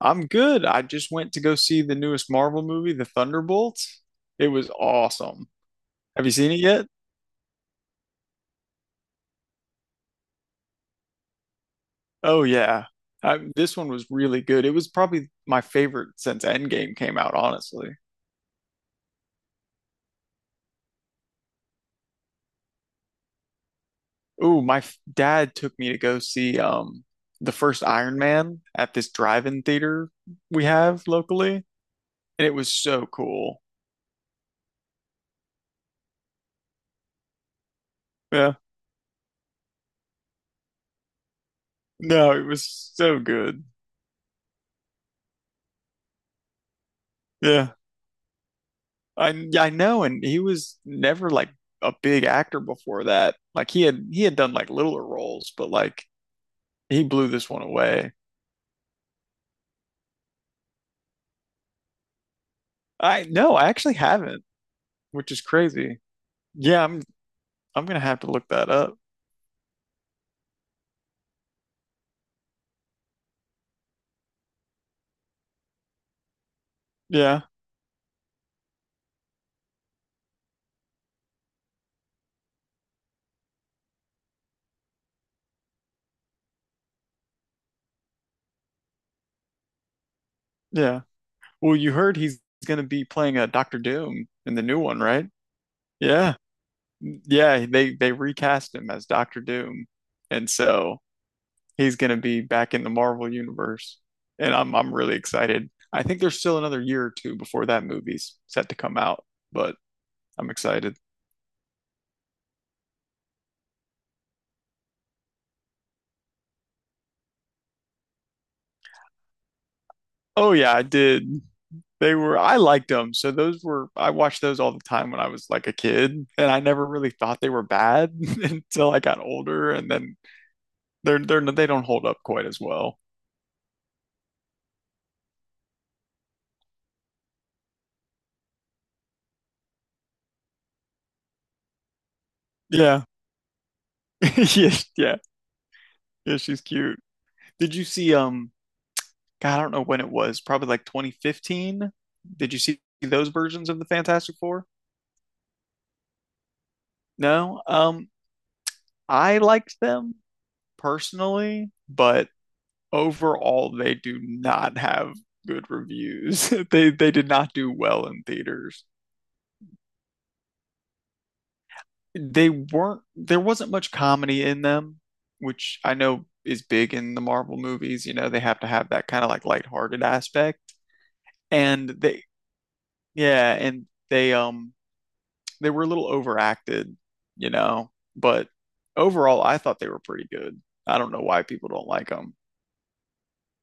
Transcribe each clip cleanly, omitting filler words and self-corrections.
I'm good. I just went to go see the newest Marvel movie, The Thunderbolts. It was awesome. Have you seen it yet? Oh yeah. I, this one was really good. It was probably my favorite since Endgame came out, honestly. Ooh, dad took me to go see the first Iron Man at this drive-in theater we have locally, and it was so cool. Yeah. No, it was so good. Yeah. I know, and he was never like a big actor before that. Like he had done like littler roles, but like he blew this one away. I no, I actually haven't, which is crazy. Yeah, I'm gonna have to look that up. Yeah, yeah. Well, you heard he's gonna be playing a Doctor Doom in the new one, right? Yeah, yeah. They recast him as Doctor Doom, and so he's going to be back in the Marvel universe, and I'm really excited. I think there's still another year or two before that movie's set to come out, but I'm excited. Oh yeah, I did. They were I liked them. So those were I watched those all the time when I was like a kid, and I never really thought they were bad until I got older, and then they're they don't hold up quite as well. Yeah. Yeah, yeah, yeah, she's cute. Did you see God, I don't know when it was, probably like 2015. Did you see those versions of the Fantastic Four? No. I liked them personally, but overall they do not have good reviews. They did not do well in theaters. They weren't there wasn't much comedy in them, which I know is big in the Marvel movies, you know, they have to have that kind of like lighthearted aspect. And they yeah, and they were a little overacted, you know, but overall, I thought they were pretty good. I don't know why people don't like them.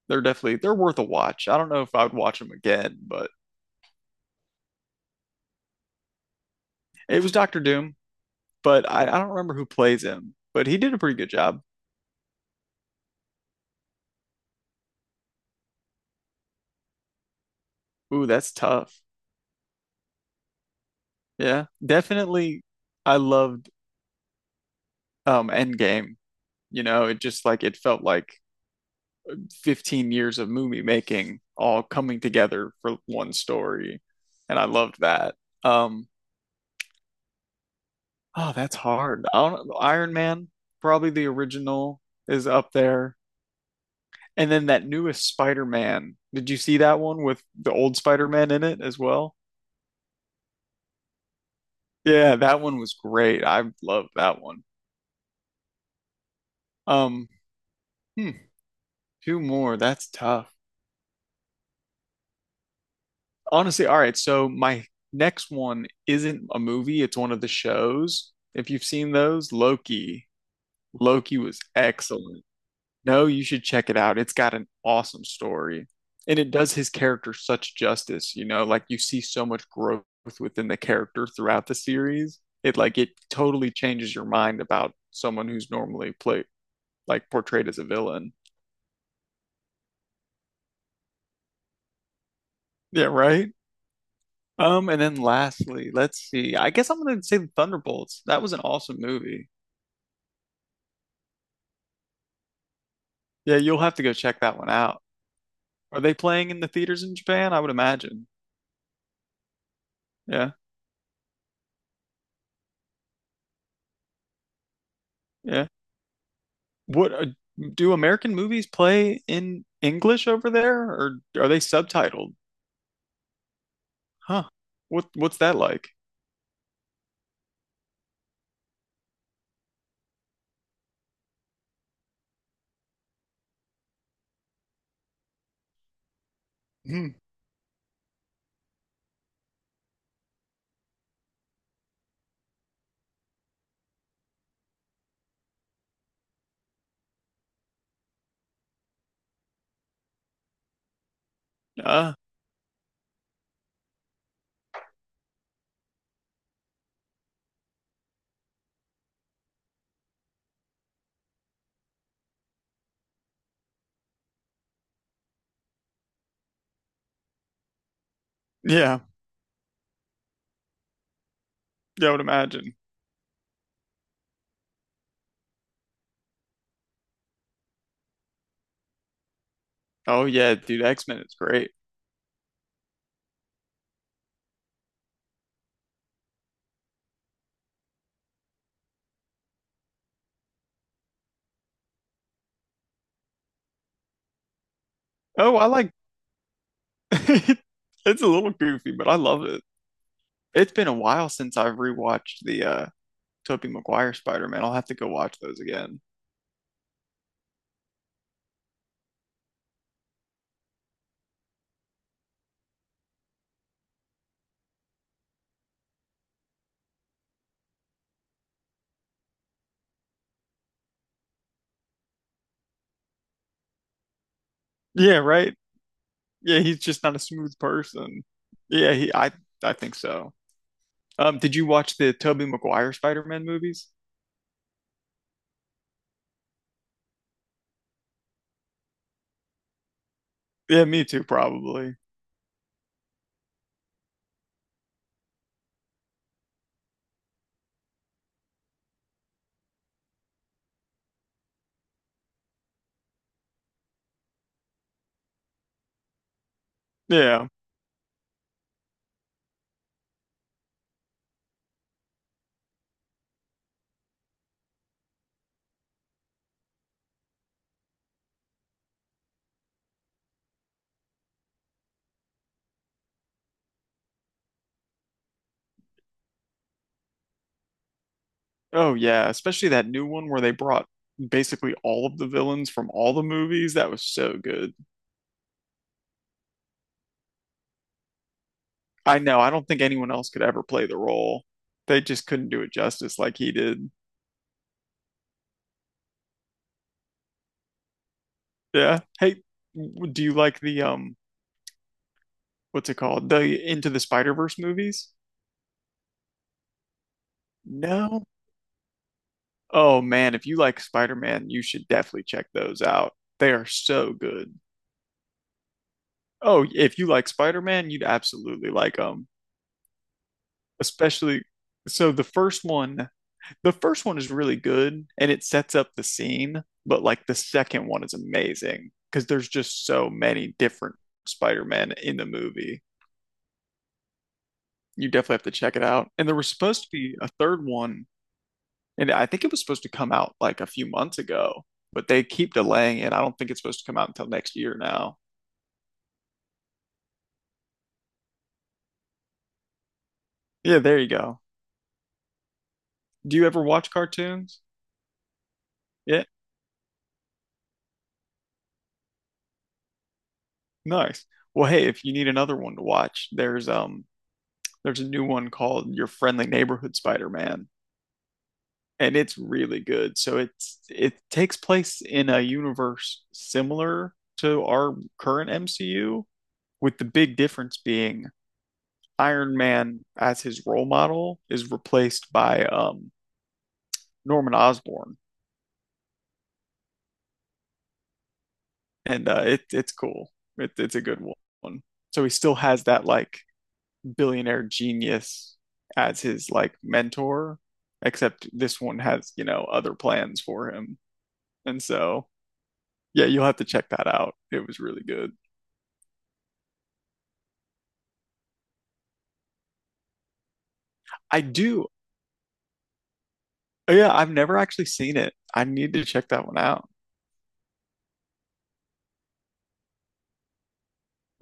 They're worth a watch. I don't know if I would watch them again, but it was Doctor Doom. But I don't remember who plays him, but he did a pretty good job. Ooh, that's tough. Yeah, definitely. I loved Endgame. You know, it just like it felt like 15 years of movie making all coming together for one story, and I loved that. Um, Oh, that's hard. I don't know. Iron Man, probably the original, is up there. And then that newest Spider-Man. Did you see that one with the old Spider-Man in it as well? Yeah, that one was great. I loved that one. Um, hmm, two more. That's tough. Honestly, all right. So my next one isn't a movie, it's one of the shows. If you've seen those, Loki. Loki was excellent. No, you should check it out. It's got an awesome story. And it does his character such justice, you know, like you see so much growth within the character throughout the series. It like it totally changes your mind about someone who's normally played like portrayed as a villain. Yeah, right? And then lastly, let's see. I guess I'm gonna say the Thunderbolts. That was an awesome movie. Yeah, you'll have to go check that one out. Are they playing in the theaters in Japan? I would imagine. Yeah. Yeah. What do American movies play in English over there, or are they subtitled? Huh. What's that like? Hmm. Uh, yeah, yeah, I would imagine. Oh yeah, dude, X-Men is great. Oh, I like. It's a little goofy, but I love it. It's been a while since I've rewatched the Tobey Maguire Spider-Man. I'll have to go watch those again. Yeah, right. Yeah, he's just not a smooth person. Yeah, he. I think so. Did you watch the Tobey Maguire Spider-Man movies? Yeah, me too, probably. Yeah. Oh, yeah. Especially that new one where they brought basically all of the villains from all the movies. That was so good. I know. I don't think anyone else could ever play the role. They just couldn't do it justice like he did. Yeah. Hey, do you like what's it called? The Into the Spider-Verse movies? No? Oh, man. If you like Spider-Man, you should definitely check those out. They are so good. Oh, if you like Spider-Man, you'd absolutely like them. Especially so the first one, is really good and it sets up the scene, but like the second one is amazing because there's just so many different Spider-Man in the movie. You definitely have to check it out. And there was supposed to be a third one, and I think it was supposed to come out like a few months ago, but they keep delaying it. I don't think it's supposed to come out until next year now. Yeah, there you go. Do you ever watch cartoons? Yeah. Nice. Well, hey, if you need another one to watch, there's there's a new one called Your Friendly Neighborhood Spider-Man, and it's really good. So it takes place in a universe similar to our current MCU, with the big difference being Iron Man as his role model is replaced by Norman Osborn, and it's cool. It's a good one. So he still has that like billionaire genius as his like mentor, except this one has you know other plans for him. And so, yeah, you'll have to check that out. It was really good. I do. Oh, yeah, I've never actually seen it. I need to check that one out.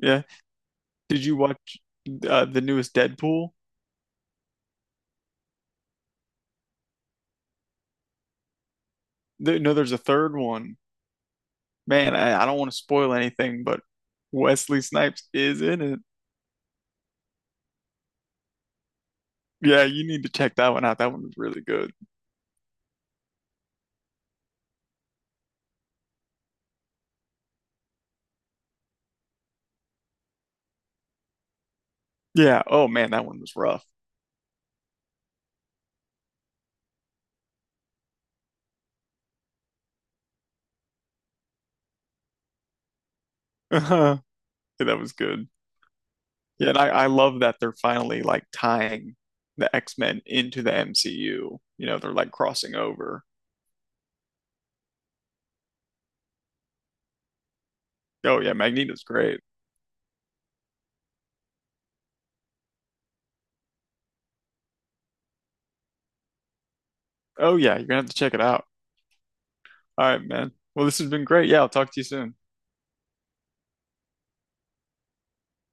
Yeah. Did you watch the newest Deadpool? No, there's a third one. Man, I don't want to spoil anything, but Wesley Snipes is in it. Yeah, you need to check that one out. That one was really good. Yeah. Oh man, that one was rough. Yeah, that was good. Yeah, and I love that they're finally like tying the X-Men into the MCU. You know, they're like crossing over. Oh yeah, Magneto's great. Oh yeah, you're gonna have to check it out. All right, man. Well, this has been great. Yeah, I'll talk to you soon.